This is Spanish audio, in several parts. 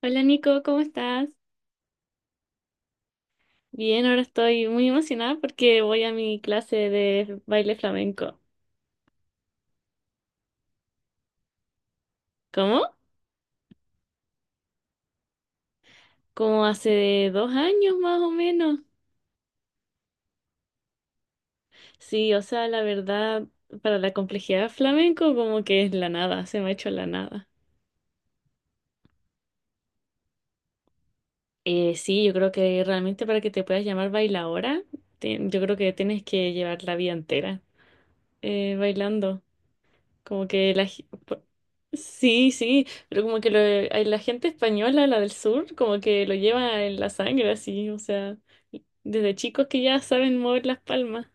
Hola Nico, ¿cómo estás? Bien, ahora estoy muy emocionada porque voy a mi clase de baile flamenco. ¿Cómo? Como hace 2 años más o menos. Sí, o sea, la verdad, para la complejidad del flamenco como que es la nada, se me ha hecho la nada. Sí, yo creo que realmente para que te puedas llamar bailadora, yo creo que tienes que llevar la vida entera bailando. Como que Sí, sí, pero como que la gente española, la del sur, como que lo lleva en la sangre, así, o sea, desde chicos que ya saben mover las palmas.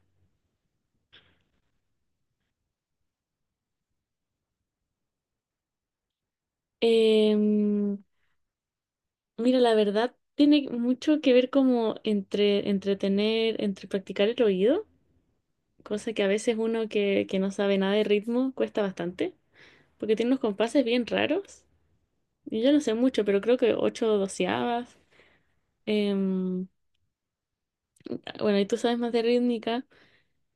Em, mira, la verdad tiene mucho que ver como entre entretener, entre practicar el oído, cosa que a veces uno que no sabe nada de ritmo cuesta bastante, porque tiene unos compases bien raros. Y yo no sé mucho, pero creo que 8/12. em, bueno, y tú sabes más de rítmica.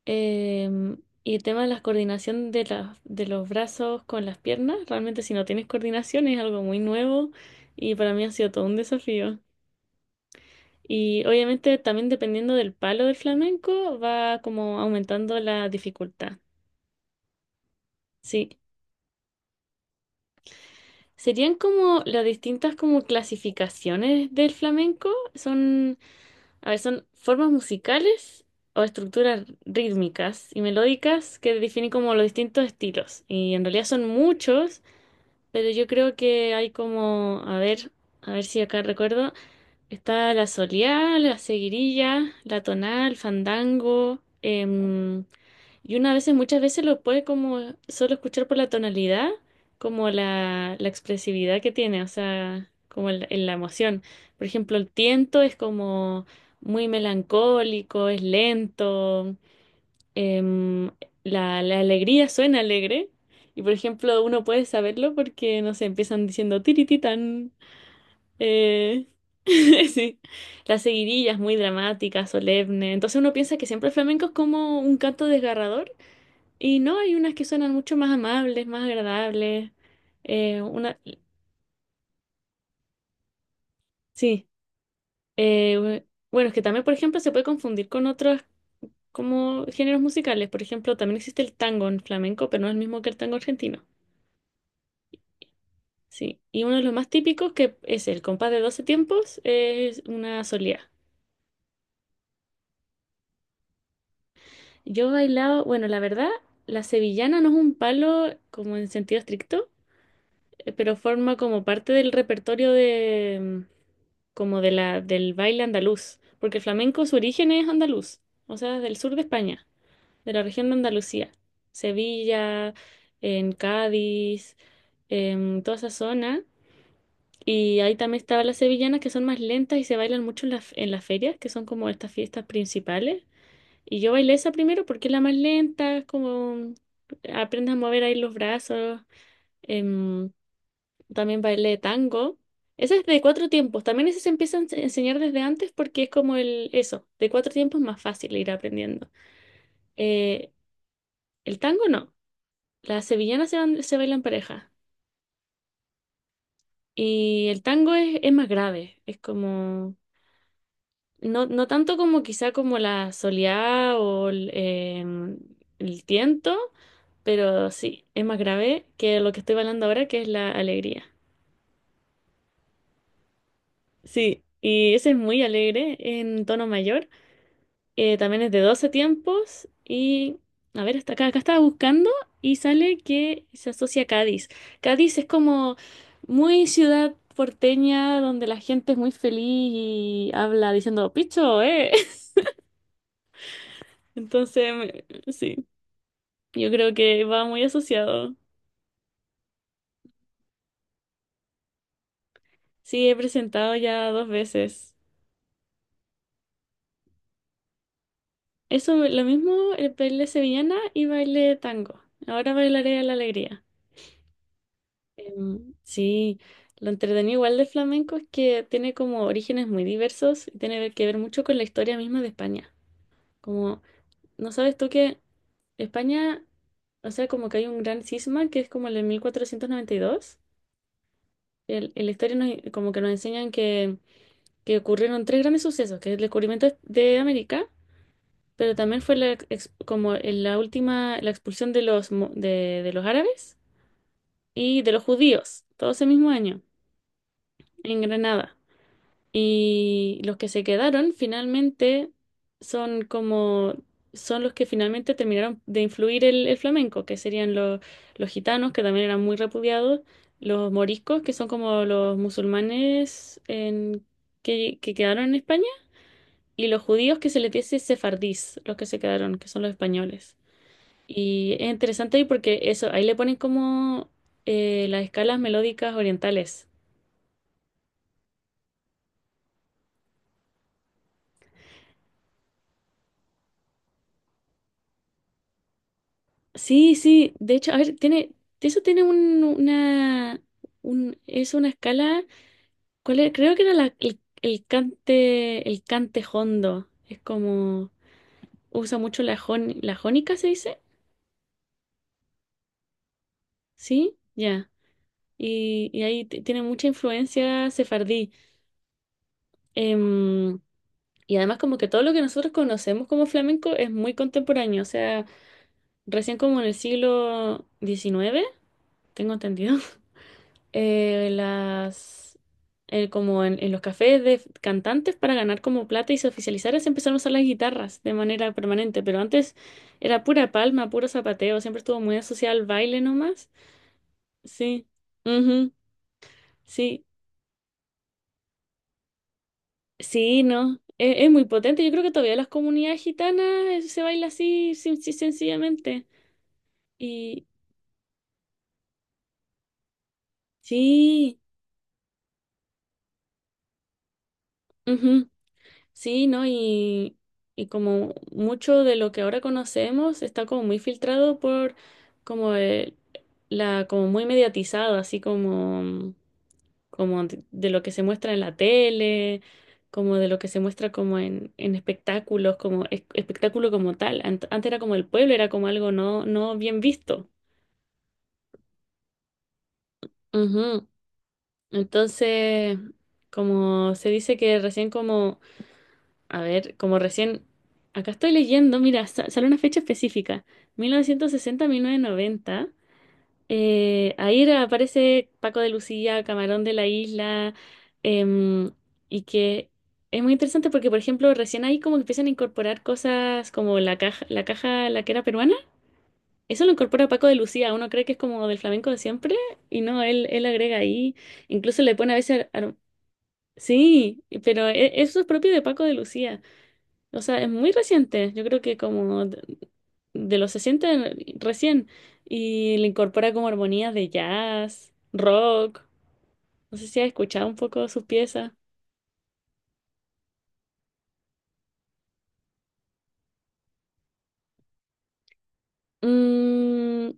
Em, y el tema de la coordinación de los brazos con las piernas, realmente si no tienes coordinación es algo muy nuevo y para mí ha sido todo un desafío. Y obviamente también dependiendo del palo del flamenco va como aumentando la dificultad. Sí. Serían como las distintas como clasificaciones del flamenco. Son, a ver, son formas musicales o estructuras rítmicas y melódicas que definen como los distintos estilos. Y en realidad son muchos. Pero yo creo que hay como, a ver si acá recuerdo, está la Soleá, la Seguirilla, la Tonal, Fandango, y muchas veces lo puede como solo escuchar por la tonalidad, como la expresividad que tiene, o sea, como en la emoción. Por ejemplo, el tiento es como muy melancólico, es lento, em, la alegría suena alegre. Y por ejemplo, uno puede saberlo porque, no sé, empiezan diciendo tirititán. Eh, sí. Las seguidillas muy dramáticas, solemne. Entonces uno piensa que siempre el flamenco es como un canto desgarrador. Y no, hay unas que suenan mucho más amables, más agradables. Eh, una, sí. Eh, bueno, es que también, por ejemplo, se puede confundir con otros como géneros musicales. Por ejemplo, también existe el tango en flamenco, pero no es el mismo que el tango argentino. Sí, y uno de los más típicos que es el compás de 12 tiempos es una solía. Yo he bailado, bueno, la verdad, la sevillana no es un palo como en sentido estricto, pero forma como parte del repertorio de mm, como de la del baile andaluz, porque el flamenco su origen es andaluz, o sea, del sur de España, de la región de Andalucía, Sevilla, en Cádiz, en toda esa zona. Y ahí también estaban las sevillanas que son más lentas y se bailan mucho en las ferias, que son como estas fiestas principales. Y yo bailé esa primero porque es la más lenta, es como aprendes a mover ahí los brazos. Em, también bailé tango. Esa es de 4 tiempos. También ese se empieza a enseñar desde antes porque es como el eso, de 4 tiempos es más fácil ir aprendiendo. Eh, el tango no. Las sevillanas se bailan pareja. Y el tango es más grave. Es como no, no tanto como quizá como la soleá o el tiento, pero sí, es más grave que lo que estoy hablando ahora, que es la alegría. Sí, y ese es muy alegre en tono mayor. También es de 12 tiempos y, a ver, acá estaba buscando y sale que se asocia a Cádiz. Cádiz es como muy ciudad porteña donde la gente es muy feliz y habla diciendo, picho, Entonces, me- sí. Yo creo que va muy asociado. Sí, he presentado ya 2 veces. Eso, lo mismo, el baile sevillana y baile tango. Ahora bailaré a la alegría. Sí, lo entretenido igual de flamenco es que tiene como orígenes muy diversos y tiene que ver mucho con la historia misma de España. Como, ¿no sabes tú que España, o sea, como que hay un gran cisma que es como el de 1492. En la historia como que nos enseñan que ocurrieron tres grandes sucesos, que es el descubrimiento de América, pero también fue como en la última, la expulsión de de los árabes y de los judíos, todo ese mismo año, en Granada. Y los que se quedaron finalmente son como, son los que finalmente terminaron de influir el flamenco, que serían los gitanos, que también eran muy repudiados, los moriscos, que son como los musulmanes que quedaron en España y los judíos que se les dice sefardís, los que se quedaron, que son los españoles. Y es interesante ahí porque eso, ahí le ponen como las escalas melódicas orientales. Sí, sí, de hecho, a ver, tiene, eso tiene es una escala, ¿cuál era? Creo que era el cante jondo, es como, usa mucho la jónica, ¿se dice? Sí, ya. Y ahí tiene mucha influencia sefardí. Em, Y además como que todo lo que nosotros conocemos como flamenco es muy contemporáneo, o sea, recién como en el siglo XIX, tengo entendido, eh, las, como en los cafés de cantantes para ganar como plata y se oficializara se empezaron a usar las guitarras de manera permanente, pero antes era pura palma, puro zapateo, siempre estuvo muy asociado al baile nomás. Sí, ujú, sí, sí, no. Es muy potente. Yo creo que todavía las comunidades gitanas se baila así, sencillamente. Y, Sí, ujú, sí, ¿no? Y como mucho de lo que ahora conocemos está como muy filtrado por como el- como muy mediatizado, así como, como de lo que se muestra en la tele, como de lo que se muestra como en espectáculos, como espectáculo como tal. Antes era como el pueblo, era como algo no, no bien visto. Ujú. Entonces, como se dice que recién como a ver, como recién, acá estoy leyendo, mira, sale una fecha específica, 1960-1990. Ahí aparece Paco de Lucía, Camarón de la Isla, em, y que es muy interesante porque, por ejemplo, recién ahí como que empiezan a incorporar cosas como la caja, la que era peruana. Eso lo incorpora Paco de Lucía, uno cree que es como del flamenco de siempre, y no, él agrega ahí, incluso le pone a veces... sí, pero eso es propio de Paco de Lucía. O sea, es muy reciente. Yo creo que como de los 60 recién. Y le incorpora como armonías de jazz, rock. No sé si has escuchado un poco sus piezas. Mm,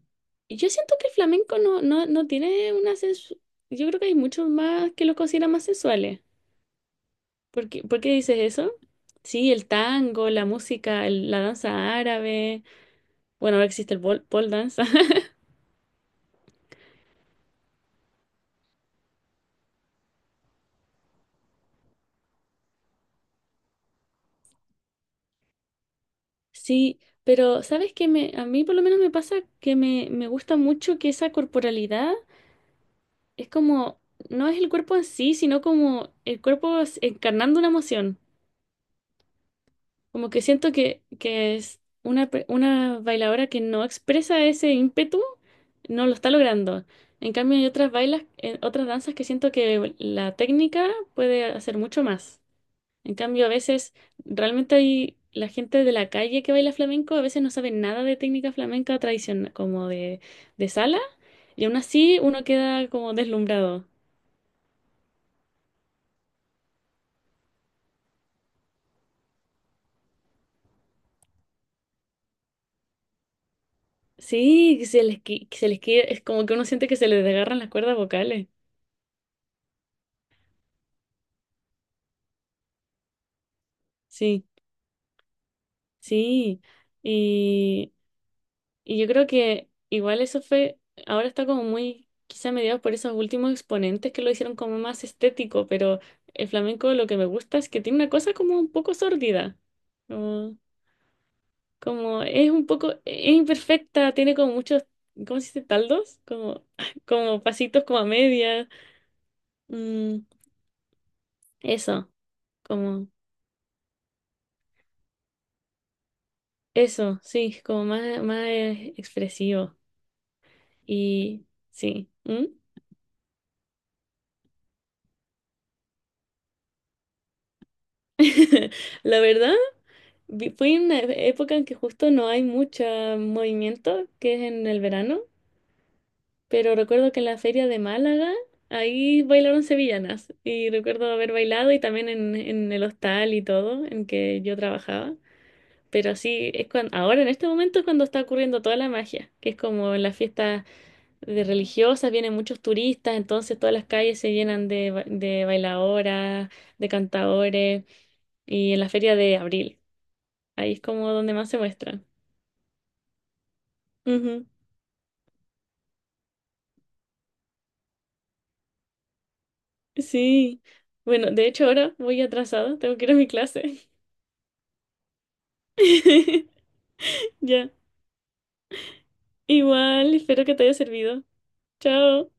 yo siento que el flamenco no tiene una yo creo que hay muchos más que los consideran más sensuales. ¿Por qué dices eso? Sí, el tango, la música, la danza árabe. Bueno, ahora existe el pole, pole dance. Sí, pero ¿sabes qué a mí por lo menos me pasa que me gusta mucho que esa corporalidad es como, no es el cuerpo en sí, sino como el cuerpo encarnando una emoción. Como que siento que es una, una bailadora que no expresa ese ímpetu, no lo está logrando. En cambio, hay otras bailas, otras danzas que siento que la técnica puede hacer mucho más. En cambio, a veces realmente hay la gente de la calle que baila flamenco, a veces no sabe nada de técnica flamenca tradicional, como de sala, y aún así uno queda como deslumbrado. Sí, que que se les es como que uno siente que se les desgarran las cuerdas vocales. Sí, sí. y Y yo creo que igual eso fue, ahora está como muy, quizá mediado por esos últimos exponentes que lo hicieron como más estético, pero el flamenco lo que me gusta es que tiene una cosa como un poco sórdida, como, como es un poco, es imperfecta, tiene como muchos, ¿cómo se dice? Taldos, como, como pasitos como a media, mm, eso, como, eso, sí, como más, más expresivo. Y sí, ¿mm? La verdad. Fui en una época en que justo no hay mucho movimiento, que es en el verano, pero recuerdo que en la feria de Málaga ahí bailaron sevillanas y recuerdo haber bailado y también en el hostal y todo en que yo trabajaba. Pero sí, es cuando, ahora en este momento es cuando está ocurriendo toda la magia, que es como en las fiestas de religiosas, vienen muchos turistas, entonces todas las calles se llenan de bailadoras, de cantadores y en la feria de abril, ahí es como donde más se muestra. Ujú, sí. Bueno, de hecho ahora voy atrasada, tengo que ir a mi clase. Ya. Igual, espero que te haya servido. Chao.